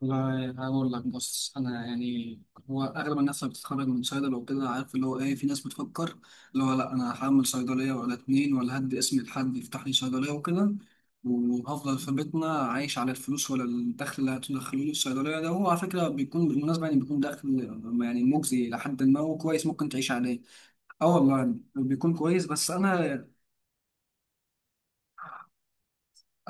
والله هقول لك، بص انا يعني، هو اغلب الناس اللي بتتخرج من صيدله وكده، عارف اللي هو ايه، في ناس بتفكر اللي هو لا انا هعمل صيدليه ولا اتنين، ولا هدي اسم لحد يفتح لي صيدليه وكده، وهفضل في بيتنا عايش على الفلوس، ولا الدخل اللي هتدخله لي الصيدليه ده، هو على فكره بيكون، بالمناسبه يعني، بيكون دخل يعني مجزي، لحد ما هو كويس ممكن تعيش عليه. اه والله بيكون كويس، بس انا.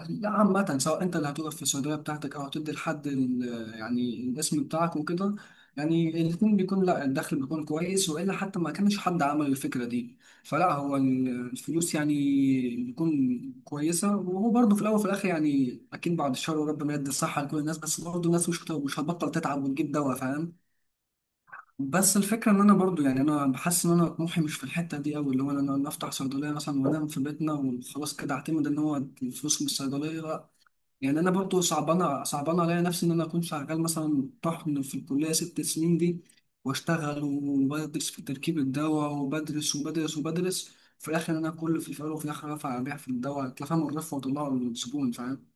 لا عامة سواء أنت اللي هتوقف في الصيدلية بتاعتك، أو هتدي لحد الاسم بتاعك وكده، يعني الاتنين بيكون، لا الدخل بيكون كويس، وإلا حتى ما كانش حد عمل الفكرة دي. فلا هو الفلوس يعني بيكون كويسة. وهو برضه في الأول وفي الآخر، يعني أكيد بعد الشر وربنا يدي الصحة لكل الناس، بس برضه الناس مش هتبطل تتعب وتجيب دواء، فاهم. بس الفكرة إن أنا برضه، يعني أنا بحس إن أنا طموحي مش في الحتة دي أوي، اللي هو أنا أفتح صيدلية مثلا وأنام في بيتنا وخلاص كده، أعتمد إن هو الفلوس من الصيدلية. يعني انا برضو صعبانه عليا نفسي ان انا اكون شغال مثلا طحن في الكليه 6 سنين دي، واشتغل وبدرس في تركيب الدواء، وبدرس وبدرس وبدرس، في الاخر انا كل في الفقر، وفي الاخر ارفع ابيع في الدواء، تفهم، الرف وطلعه الزبون، فاهم.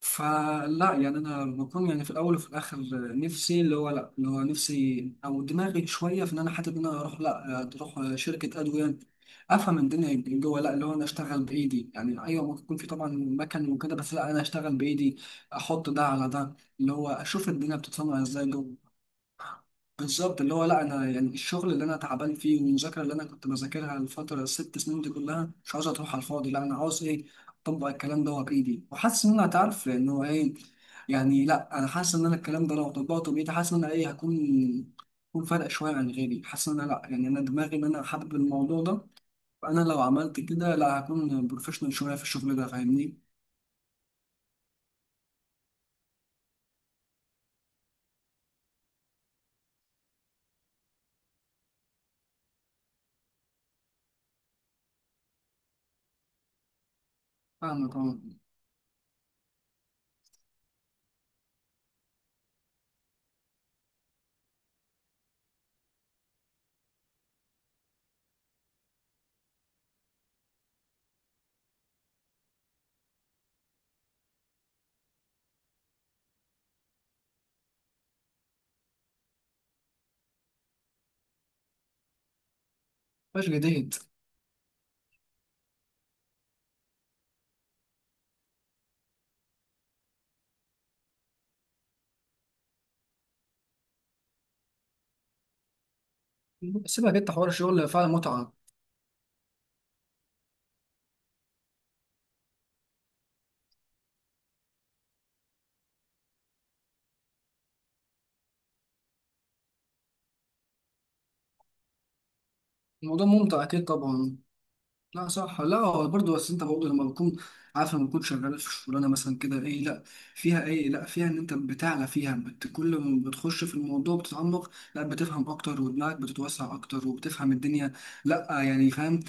فلا يعني انا بكون يعني، في الاول وفي الاخر نفسي اللي هو، لا اللي هو نفسي او دماغي شويه في ان انا، حتى ان انا اروح، لا تروح شركه ادويه افهم الدنيا جوه، لا اللي هو انا اشتغل بايدي، يعني ايوه ممكن يكون في طبعا مكن وكده، بس لا انا اشتغل بايدي، احط ده على ده، اللي هو اشوف الدنيا بتتصنع ازاي جوه. بالظبط اللي هو لا انا، يعني الشغل اللي انا تعبان فيه، والمذاكره اللي انا كنت بذاكرها الفتره ال6 سنين دي كلها، مش عاوز تروح على الفاضي، لا انا عاوز ايه، اطبق الكلام ده بايدي، وحاسس ان انا هتعرف لان هو ايه، يعني لا انا حاسس ان انا الكلام ده لو طبقته بايدي، حاسس ان انا ايه هكون، هكون فارق شويه عن غيري، حاسس ان انا لا يعني انا دماغي ان انا حابب الموضوع ده، فانا لو عملت كده لا هكون بروفيشنال شويه في الشغل ده، فاهمني؟ فاهمك طبعا. مش جديد. سيبك انت، حوار الشغل فعلا متعه. الموضوع ممتع اكيد طبعا. لا صح، لا هو برضه، بس انت برضه لما بتكون عارف، لما بتكون شغال في شغلانه مثلا كده، ايه لا فيها، ايه لا فيها ان انت بتعلى فيها، بت كل ما بتخش في الموضوع بتتعمق، لا بتفهم اكتر، ودماغك بتتوسع اكتر، وبتفهم الدنيا. لا يعني فاهم.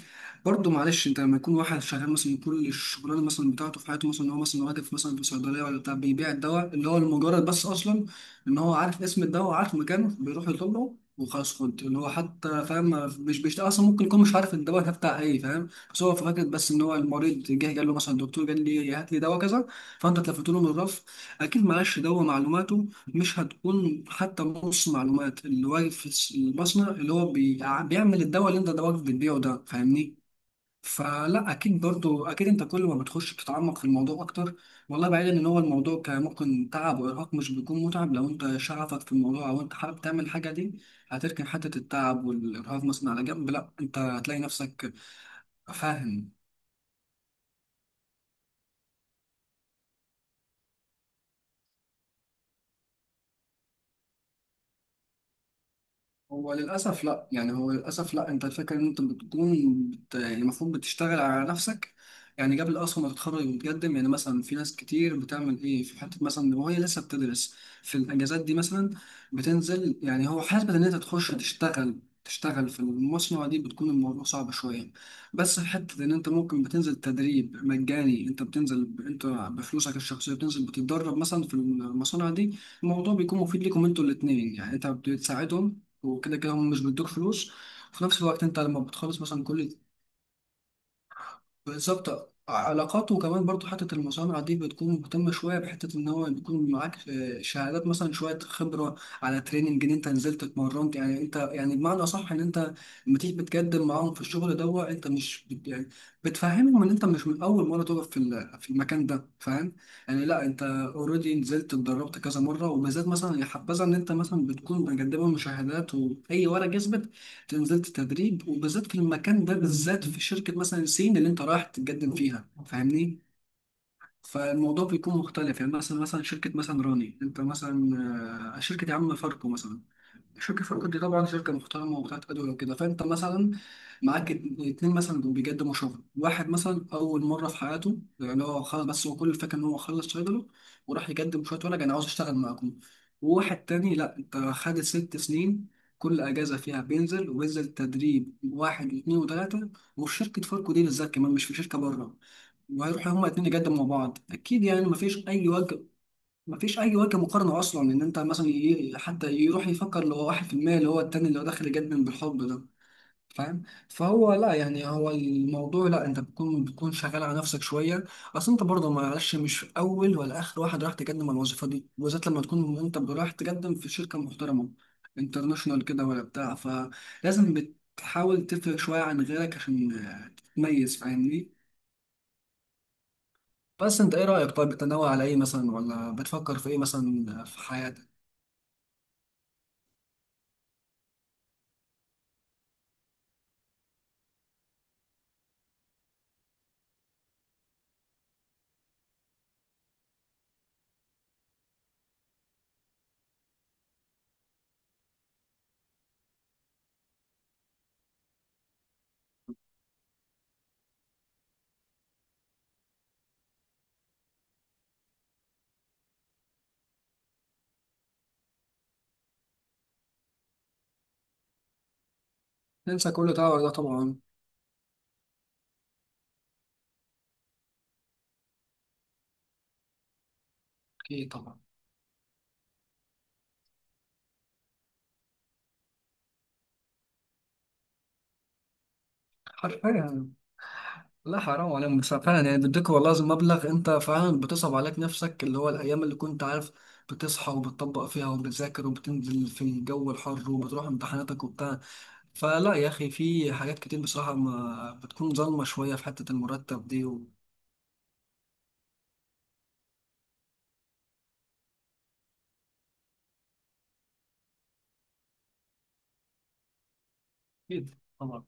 برضه معلش انت لما يكون واحد شغال مثلا كل الشغلانه مثلا بتاعته في حياته مثلا، ان هو مثلا واقف مثلا في صيدليه ولا بتاع، بيبيع الدواء اللي هو لمجرد بس اصلا ان هو عارف اسم الدواء، وعارف مكانه بيروح يطلبه وخلاص خد، اللي هو حتى فاهم، مش بيشتغل اصلا، ممكن يكون مش عارف الدواء ده بتاع ايه، فاهم. بس هو فكرة بس ان هو المريض جه قال له مثلا، الدكتور قال لي هات لي دواء كذا، فانت تلفت له من الرف، اكيد معلش دواء معلوماته مش هتكون حتى نص معلومات اللي واقف في المصنع اللي هو بيعمل الدواء، اللي انت دواك بتبيعه ده، فاهمني. فلا اكيد برضو، اكيد انت كل ما بتخش بتتعمق في الموضوع اكتر. والله بعيدا ان هو الموضوع كان ممكن تعب وارهاق، مش بيكون متعب لو انت شغفك في الموضوع، او انت حابب تعمل الحاجه دي، هتركن حته التعب والارهاق مثلا على جنب، لا انت هتلاقي نفسك، فاهم. هو للأسف لأ، يعني هو للأسف لأ، أنت الفكرة إن أنت بتكون يعني المفروض بتشتغل على نفسك، يعني قبل أصلا ما تتخرج وتقدم، يعني مثلا في ناس كتير بتعمل إيه، في حتة مثلا وهي لسه بتدرس في الأجازات دي مثلا بتنزل، يعني هو حسبة إن أنت تخش تشتغل، تشتغل في المصنع دي، بتكون الموضوع صعب شوية. بس في حتة إن أنت ممكن بتنزل تدريب مجاني، أنت بتنزل أنت بفلوسك الشخصية بتنزل بتتدرب مثلا في المصانع دي، الموضوع بيكون مفيد ليكم أنتوا الاتنين، يعني أنت بتساعدهم، وكده كده هم مش بيدوك فلوس، وفي نفس الوقت انت لما بتخلص مثلا كل. بالظبط علاقات، وكمان برضو حتة المصانع دي بتكون مهتمة شوية بحتة إن هو بيكون معاك شهادات مثلا، شوية خبرة على تريننج، إن أنت نزلت اتمرنت، يعني أنت يعني بمعنى أصح إن أنت لما تيجي بتقدم معاهم في الشغل دوا، أنت مش بت يعني، بتفهمهم إن أنت مش من أول مرة تقف في في المكان ده، فاهم. يعني لا أنت أوريدي نزلت اتدربت كذا مرة، وبالذات مثلا يا حبذا إن أنت مثلا بتكون مقدمة مشاهدات وأي ورقة يثبت نزلت تدريب، وبالذات في المكان ده بالذات، في شركة مثلا سين اللي انت رايح تتقدم فيها، فاهمني. فالموضوع بيكون مختلف، يعني مثلا شركة مثلا راني، انت مثلا شركة يا عم فاركو مثلا، شركة فاركو دي طبعا شركة محترمة وبتاعت أدوية وكده، فأنت مثلا معاك اتنين مثلا دول بيقدموا شغل، واحد مثلا أول مرة في حياته، يعني هو خلاص، بس هو كل الفكرة إن هو خلص شغله وراح يقدم شوية ورق، أنا عاوز أشتغل معاكم. وواحد تاني لأ، أنت خد 6 سنين، كل أجازة فيها بينزل، وبينزل تدريب واحد واتنين وتلاتة، وفي شركة فاركو دي بالذات كمان، مش في شركة بره، وهيروحوا هما الاتنين يقدموا مع بعض، أكيد يعني مفيش أي وجه. مفيش اي وجه مقارنه اصلا، ان انت مثلا حتى يروح يفكر اللي هو 1% اللي هو التاني اللي هو داخل جد من بالحب ده، فاهم. فهو لا يعني، هو الموضوع لا، انت بتكون شغال على نفسك شويه، اصل انت برضه معلش مش اول ولا اخر واحد راح تقدم على الوظيفه دي، وبالذات لما تكون انت رايح تقدم في شركه محترمه انترناشونال كده ولا بتاع، فلازم بتحاول تفرق شويه عن غيرك عشان تتميز، فاهمني. بس انت ايه رايك طيب، بتنوع على ايه مثلا، ولا بتفكر في ايه مثلا في حياتك؟ ننسى كل تاور ده طبعا. اكيد طبعا. حرفيا. لا حرام عليهم، بس فعلا يعني بيديك والله لازم مبلغ، انت فعلا بتصعب عليك نفسك، اللي هو الايام اللي كنت عارف بتصحى وبتطبق فيها وبتذاكر وبتنزل في الجو الحر وبتروح امتحاناتك وبتاع، فلا يا اخي في حاجات كتير بصراحة ما بتكون ظالمة شوية في حتة المرتب دي و. اكيد طبعا.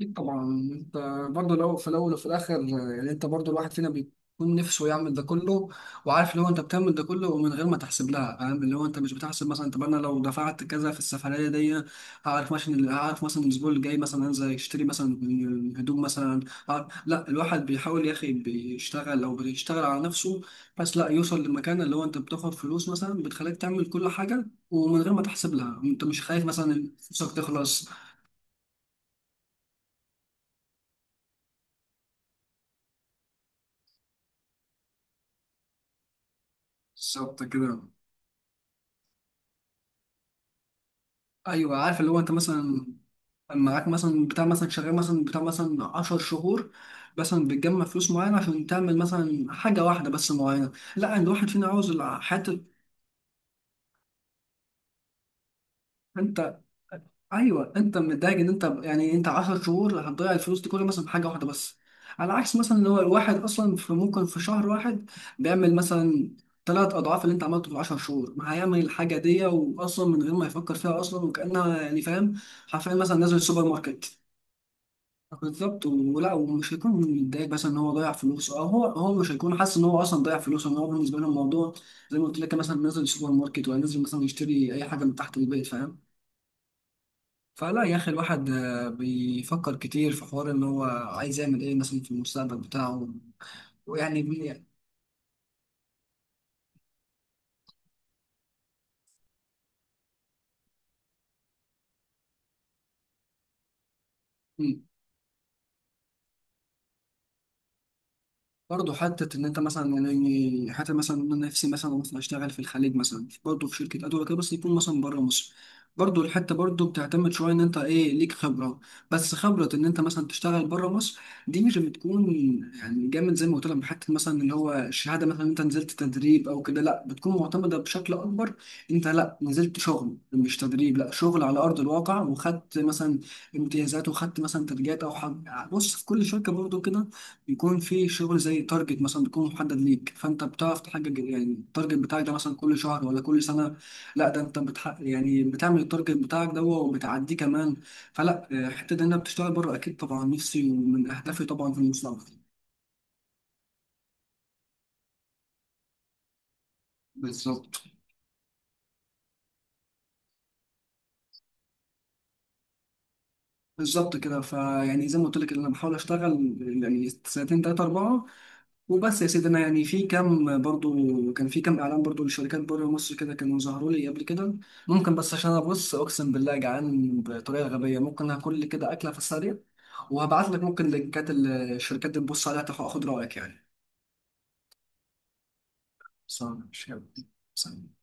أكيد طبعا. انت برضه لو في الاول وفي الاخر، يعني انت برضه الواحد فينا بيكون نفسه يعمل ده كله، وعارف اللي هو انت بتعمل ده كله ومن غير ما تحسب لها، فاهم اللي هو انت مش بتحسب مثلا، طب انا لو دفعت كذا في السفريه دي، هعرف مثلا، هعرف مثلا الاسبوع اللي جاي مثلا انزل اشتري مثلا هدوم مثلا، لا الواحد بيحاول يا اخي، بيشتغل او بيشتغل على نفسه بس، لا يوصل لمكان اللي هو انت بتاخد فلوس مثلا بتخليك تعمل كل حاجه ومن غير ما تحسب لها، انت مش خايف مثلا فلوسك تخلص. بالظبط كده. ايوه عارف اللي هو انت مثلا معاك مثلا بتاع مثلا شغال مثلا بتاع مثلا 10 شهور، مثلا بتجمع فلوس معينه عشان تعمل مثلا حاجه واحده بس معينه، لا ان الواحد فينا عاوز حته، انت. ايوه انت متضايق ان انت، يعني انت 10 شهور هتضيع الفلوس دي كلها مثلا في حاجه واحده بس، على عكس مثلا اللي هو الواحد اصلا في ممكن في شهر واحد بيعمل مثلا ثلاث اضعاف اللي انت عملته في 10 شهور، ما هيعمل الحاجه دي واصلا من غير ما يفكر فيها اصلا وكانها، يعني فاهم. حرفيا مثلا نازل السوبر ماركت. بالظبط، ولا ومش هيكون متضايق مثلا ان هو ضيع فلوسه، او هو هو مش هيكون حاسس ان هو اصلا ضيع فلوسه، ان هو بالنسبه له الموضوع زي ما قلت لك مثلا، نزل السوبر ماركت ولا نزل مثلا يشتري اي حاجه من تحت البيت، فاهم. فلا يا اخي الواحد بيفكر كتير في حوار ان هو عايز يعمل ايه مثلا في المستقبل بتاعه. ويعني بي- مم. برضه حتة إن أنت مثلا، يعني حتى مثلا أنا نفسي مثلا أشتغل في الخليج مثلا، برضه في شركة أدوية كده، بس يكون مثلا بره مصر، برضه الحتة برضه بتعتمد شوية إن أنت إيه ليك خبرة، بس خبرة إن أنت مثلا تشتغل بره مصر دي مش بتكون يعني جامد زي ما قلت لك، حتة مثلا اللي هو الشهادة مثلا إن أنت نزلت تدريب أو كده لأ، بتكون معتمدة بشكل أكبر، أنت لأ نزلت شغل مش تدريب، لأ شغل على أرض الواقع، وخدت مثلا امتيازات، وخدت مثلا تدريبات أو حاجة، بص في كل شركة برضه كده بيكون في شغل زي تارجت مثلا، بيكون محدد ليك، فانت بتعرف تحقق يعني التارجت بتاعك ده مثلا كل شهر ولا كل سنه، لا ده انت بتحقق يعني بتعمل التارجت بتاعك ده وبتعديه كمان. فلا حته ان انا بتشتغل بره اكيد طبعا نفسي ومن اهدافي طبعا في المستقبل. بالظبط بالظبط كده، فيعني زي ما قلت لك إن انا بحاول اشتغل يعني سنتين تلاته اربعه وبس، يا سيدي انا يعني في كام برضو، كان في كام اعلان برضو لشركات بره مصر كده كانوا ظهروا لي قبل كده، ممكن بس عشان انا بص اقسم بالله جعان بطريقه غبيه ممكن هاكل لي كده اكله في السريع، وهبعت لك ممكن لينكات الشركات اللي تبص عليها، تاخد اخد رايك يعني. بس أنا مش. سلام.